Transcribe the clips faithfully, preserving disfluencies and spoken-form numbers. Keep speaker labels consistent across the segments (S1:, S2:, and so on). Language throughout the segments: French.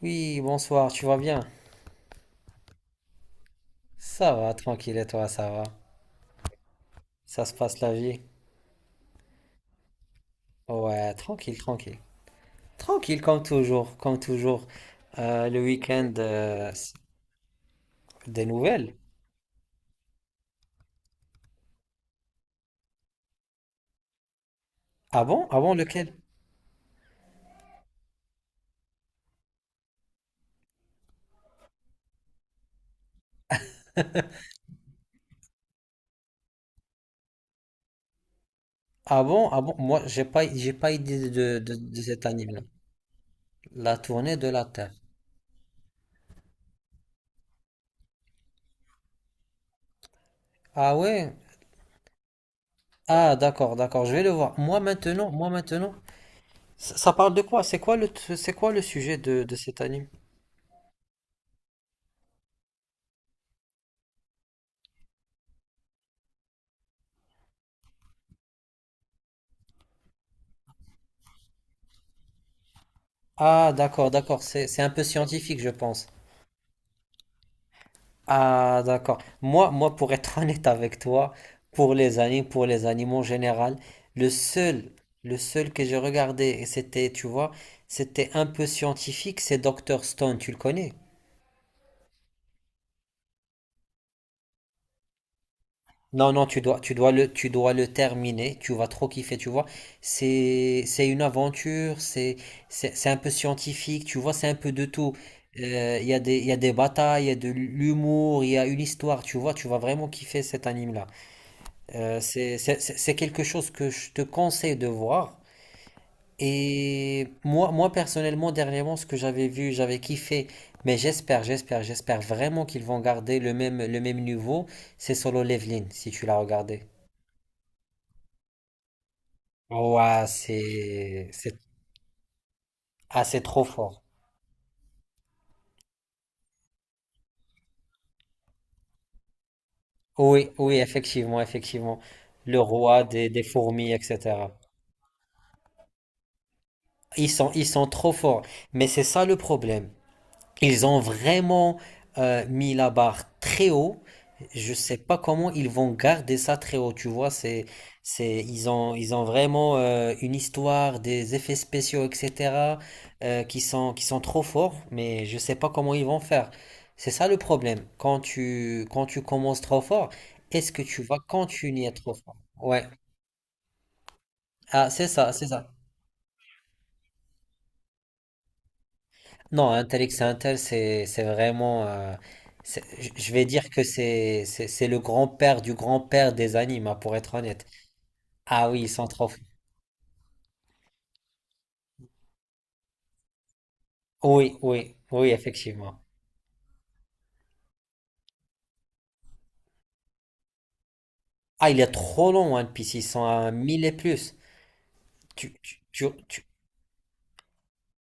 S1: Oui, bonsoir, tu vas bien? Ça va, tranquille, et toi, ça va? Ça se passe la vie? Ouais, tranquille, tranquille. Tranquille, comme toujours, comme toujours. Euh, le week-end, euh, s- des nouvelles? Ah bon? Ah bon, lequel? Ah bon? Ah bon? Moi, j'ai pas, j'ai pas idée de, de, de cet anime-là. La tournée de la Terre. Ah ouais? Ah, d'accord, d'accord, je vais le voir. Moi, maintenant, moi, maintenant, ça, ça parle de quoi? C'est quoi le, t- c'est quoi le sujet de, de cet anime? Ah, d'accord, d'accord, c'est, c'est un peu scientifique, je pense. Ah, d'accord. Moi, moi, pour être honnête avec toi, pour les animes, pour les animaux en général, le seul, le seul que j'ai regardé, et c'était, tu vois, c'était un peu scientifique, c'est Docteur Stone, tu le connais? Non, non, tu dois, tu dois le, tu dois le terminer, tu vas trop kiffer, tu vois. C'est, c'est une aventure, c'est, c'est, c'est un peu scientifique, tu vois, c'est un peu de tout. Euh, Il y a des, il y a des batailles, il y a de l'humour, il y a une histoire, tu vois, tu vas vraiment kiffer cet anime-là. Euh, c'est c'est- c'est- c'est quelque chose que je te conseille de voir. Et moi, moi personnellement, dernièrement, ce que j'avais vu, j'avais kiffé. Mais j'espère, j'espère, j'espère vraiment qu'ils vont garder le même, le même niveau. C'est Solo Leveling, si tu l'as regardé. Ouah, c'est, c'est, ah, c'est trop fort. Oui, oui, effectivement, effectivement. Le roi des, des fourmis, et cetera. Ils sont, ils sont trop forts. Mais c'est ça le problème. Ils ont vraiment euh, mis la barre très haut. Je ne sais pas comment ils vont garder ça très haut. Tu vois, c'est, c'est, ils ont, ils ont vraiment euh, une histoire, des effets spéciaux, et cetera, euh, qui sont, qui sont trop forts. Mais je ne sais pas comment ils vont faire. C'est ça le problème. Quand tu, quand tu commences trop fort, est-ce que tu vas continuer trop fort? Ouais. Ah, c'est ça, c'est ça. Non, Intelix Intel, c'est c'est vraiment. euh, c'est- je je vais dire que c'est c'est c'est le grand-père du grand-père des animes, hein, pour être honnête. Ah oui, ils sont trop. Oui, oui, oui, effectivement. Ah, il est trop long, One Piece, ils sont à mille et plus. Tu, tu, tu, tu-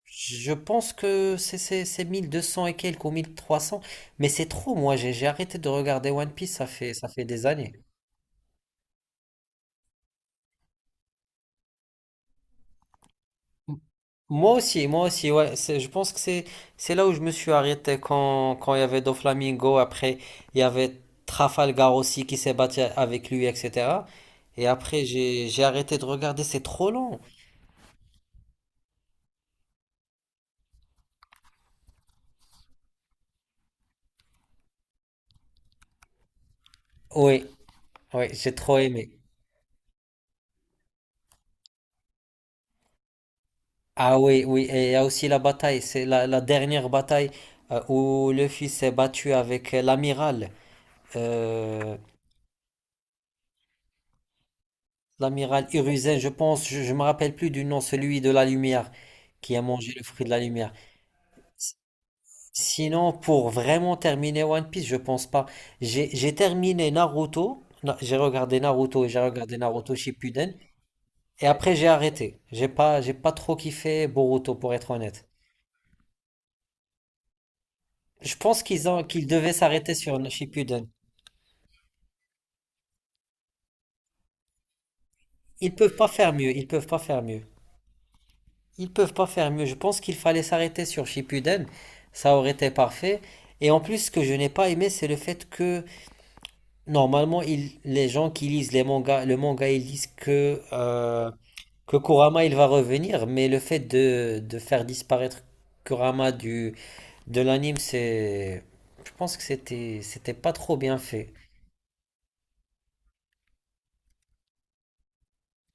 S1: je pense que c'est c'est- c'est mille deux cents et quelques ou mille trois cents. Mais c'est trop, moi, j'ai j'ai arrêté de regarder One Piece, ça fait, ça fait des années. Moi aussi, moi aussi, ouais, c'est- je pense que c'est c'est là où je me suis arrêté quand quand il y avait Doflamingo, après il y avait Trafalgar aussi qui s'est battu avec lui, et cetera. Et après j'ai j'ai arrêté de regarder, c'est trop long. Oui, oui, j'ai trop aimé. Ah oui, oui, et il y a aussi la bataille, c'est la, la dernière bataille euh, où le fils s'est battu avec euh, l'amiral, euh, l'amiral Hiruzen, je pense, je, je me rappelle plus du nom, celui de la lumière, qui a mangé le fruit de la lumière. Sinon, pour vraiment terminer One Piece, je pense pas. J'ai j'ai terminé Naruto, Na- j'ai regardé Naruto et j'ai regardé Naruto Shippuden, et après j'ai arrêté. J'ai pas, j'ai pas trop kiffé Boruto pour être honnête. Je pense qu'ils ont, qu'ils devaient s'arrêter sur Shippuden. Ils peuvent pas faire mieux, ils peuvent pas faire mieux. Ils peuvent pas faire mieux. Je pense qu'il fallait s'arrêter sur Shippuden, ça aurait été parfait. Et en plus, ce que je n'ai pas aimé, c'est le fait que normalement, ils- les gens qui lisent les mangas, le manga, ils disent que euh, que Kurama il va revenir, mais le fait de, de faire disparaître Kurama du, de l'anime, c'est. Je pense que c'était c'était pas trop bien fait.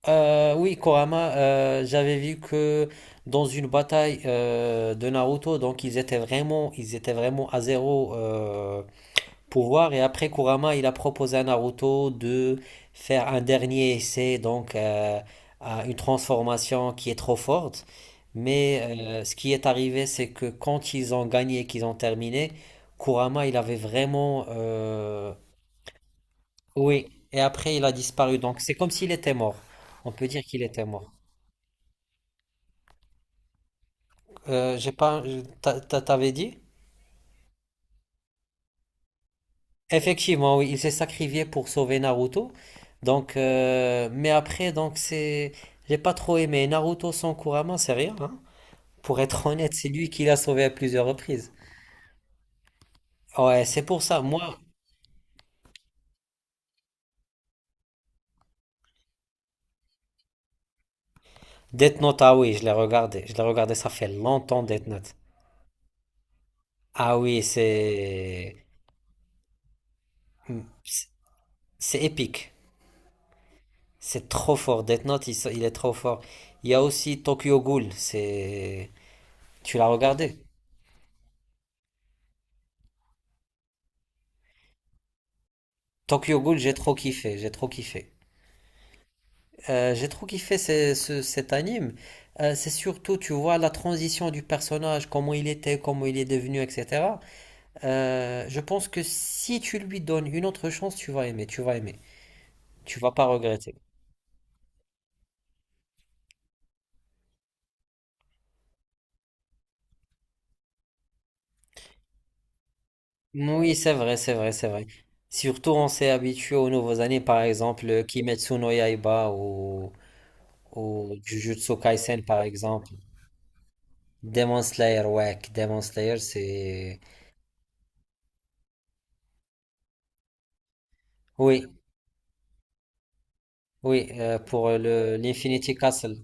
S1: Euh, oui, Kurama, euh, j'avais vu que dans une bataille euh, de Naruto, donc ils étaient vraiment, ils étaient vraiment à zéro euh, pouvoir. Et après, Kurama, il a proposé à Naruto de faire un dernier essai, donc euh, à une transformation qui est trop forte. Mais euh, ce qui est arrivé, c'est que quand ils ont gagné qu'ils ont terminé, Kurama, il avait vraiment... euh, Oui, et après, il a disparu. Donc, c'est comme s'il était mort. On peut dire qu'il était mort. Euh, j'ai pas... t'a- t'a- T'avais dit? Effectivement, oui, il s'est sacrifié pour sauver Naruto. Donc, euh, mais après, donc c'est, j'ai pas trop aimé Naruto sans Kurama, c'est rien. Hein. Pour être honnête, c'est lui qui l'a sauvé à plusieurs reprises. Ouais, c'est pour ça. Moi, Death Note, ah oui, je l'ai regardé. Je l'ai regardé, ça fait longtemps Death Note. Ah oui, c'est, hmm, c'est épique. C'est trop fort. Death Note, il, il est trop fort. Il y a aussi Tokyo Ghoul. C'est, tu l'as regardé? Tokyo Ghoul, j'ai trop kiffé. J'ai trop kiffé. Euh, j'ai trop kiffé ce- ce- cet anime. Euh, c'est surtout, tu vois, la transition du personnage, comment il était, comment il est devenu, et cetera. Euh, je pense que si tu lui donnes une autre chance, tu vas aimer, tu vas aimer. Tu vas pas regretter. Oui, c'est vrai, c'est vrai, c'est vrai. Surtout, on s'est habitué aux nouveaux animes, par exemple, Kimetsu no Yaiba ou, ou Jujutsu Kaisen, par exemple. Demon Slayer, ouais, Demon Slayer, c'est... Oui, oui, euh, pour le l'Infinity Castle.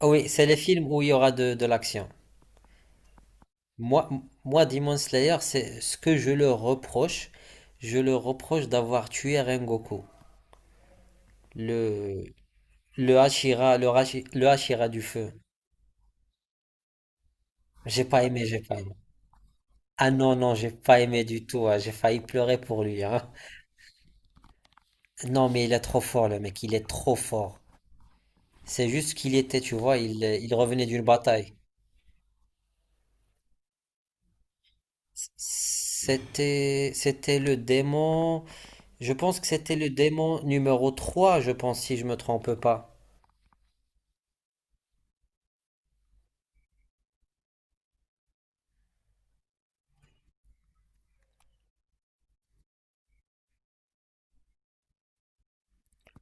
S1: Ah oui, c'est les films où il y aura de, de l'action. Moi, moi, Demon Slayer, c'est ce que je le reproche. Je le reproche d'avoir tué Rengoku, le, le Hashira, le, Hashi- le Hashira du feu. J'ai pas aimé, j'ai pas aimé. Ah non, non, j'ai pas aimé du tout. Hein. J'ai failli pleurer pour lui. Hein. Non, mais il est trop fort, le mec. Il est trop fort. C'est juste qu'il était, tu vois, il, il revenait d'une bataille. C'était, c'était le démon. Je pense que c'était le démon numéro trois, je pense, si je me trompe pas.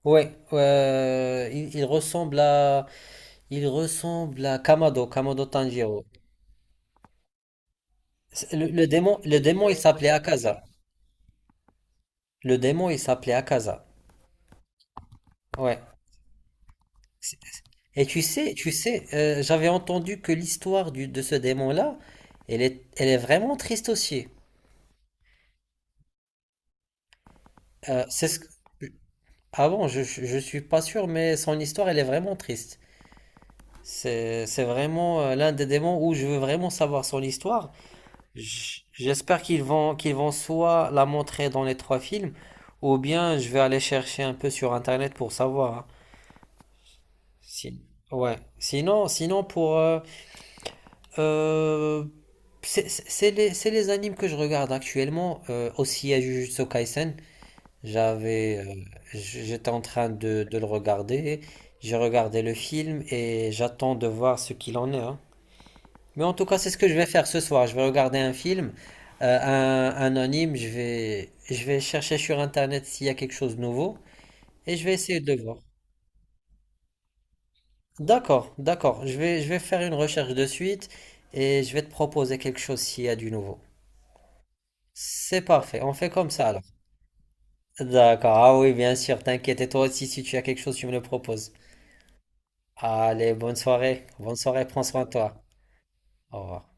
S1: Ouais, euh, il, il ressemble à, il ressemble à Kamado, Kamado Tanjiro. C'est- Le, le démon, le démon, il s'appelait Akaza. Le démon, il s'appelait Akaza. Ouais. C'est- Et tu sais, tu sais, euh, j'avais entendu que l'histoire du- de ce démon-là, elle est, elle est vraiment triste aussi. Euh, c'est ce que... Ah bon, je, je, je suis pas sûr, mais son histoire, elle est vraiment triste. C'est, c'est vraiment euh, l'un des démons où je veux vraiment savoir son histoire. J- J'espère qu'ils vont, qu'ils vont soit la montrer dans les trois films, ou bien je vais aller chercher un peu sur Internet pour savoir. Hein. Si- Ouais. Sinon, sinon pour... euh, euh, c'est c'est- c'est les, c'est les animes que je regarde actuellement. Euh, aussi à Jujutsu Kaisen, j'avais, euh, j- j'étais en train de, de le regarder. J'ai regardé le film et j'attends de voir ce qu'il en est. Hein. Mais en tout cas, c'est ce que je vais faire ce soir. Je vais regarder un film, euh, un, un anime. Je vais, je vais chercher sur Internet s'il y a quelque chose de nouveau et je vais essayer de voir. D'accord, d'accord. Je vais, je vais faire une recherche de suite et je vais te proposer quelque chose s'il y a du nouveau. C'est parfait. On fait comme ça alors. D'accord. Ah oui, bien sûr. T'inquiète. Et toi aussi, si tu as quelque chose, tu me le proposes. Allez, bonne soirée. Bonne soirée. Prends soin de toi. Au revoir.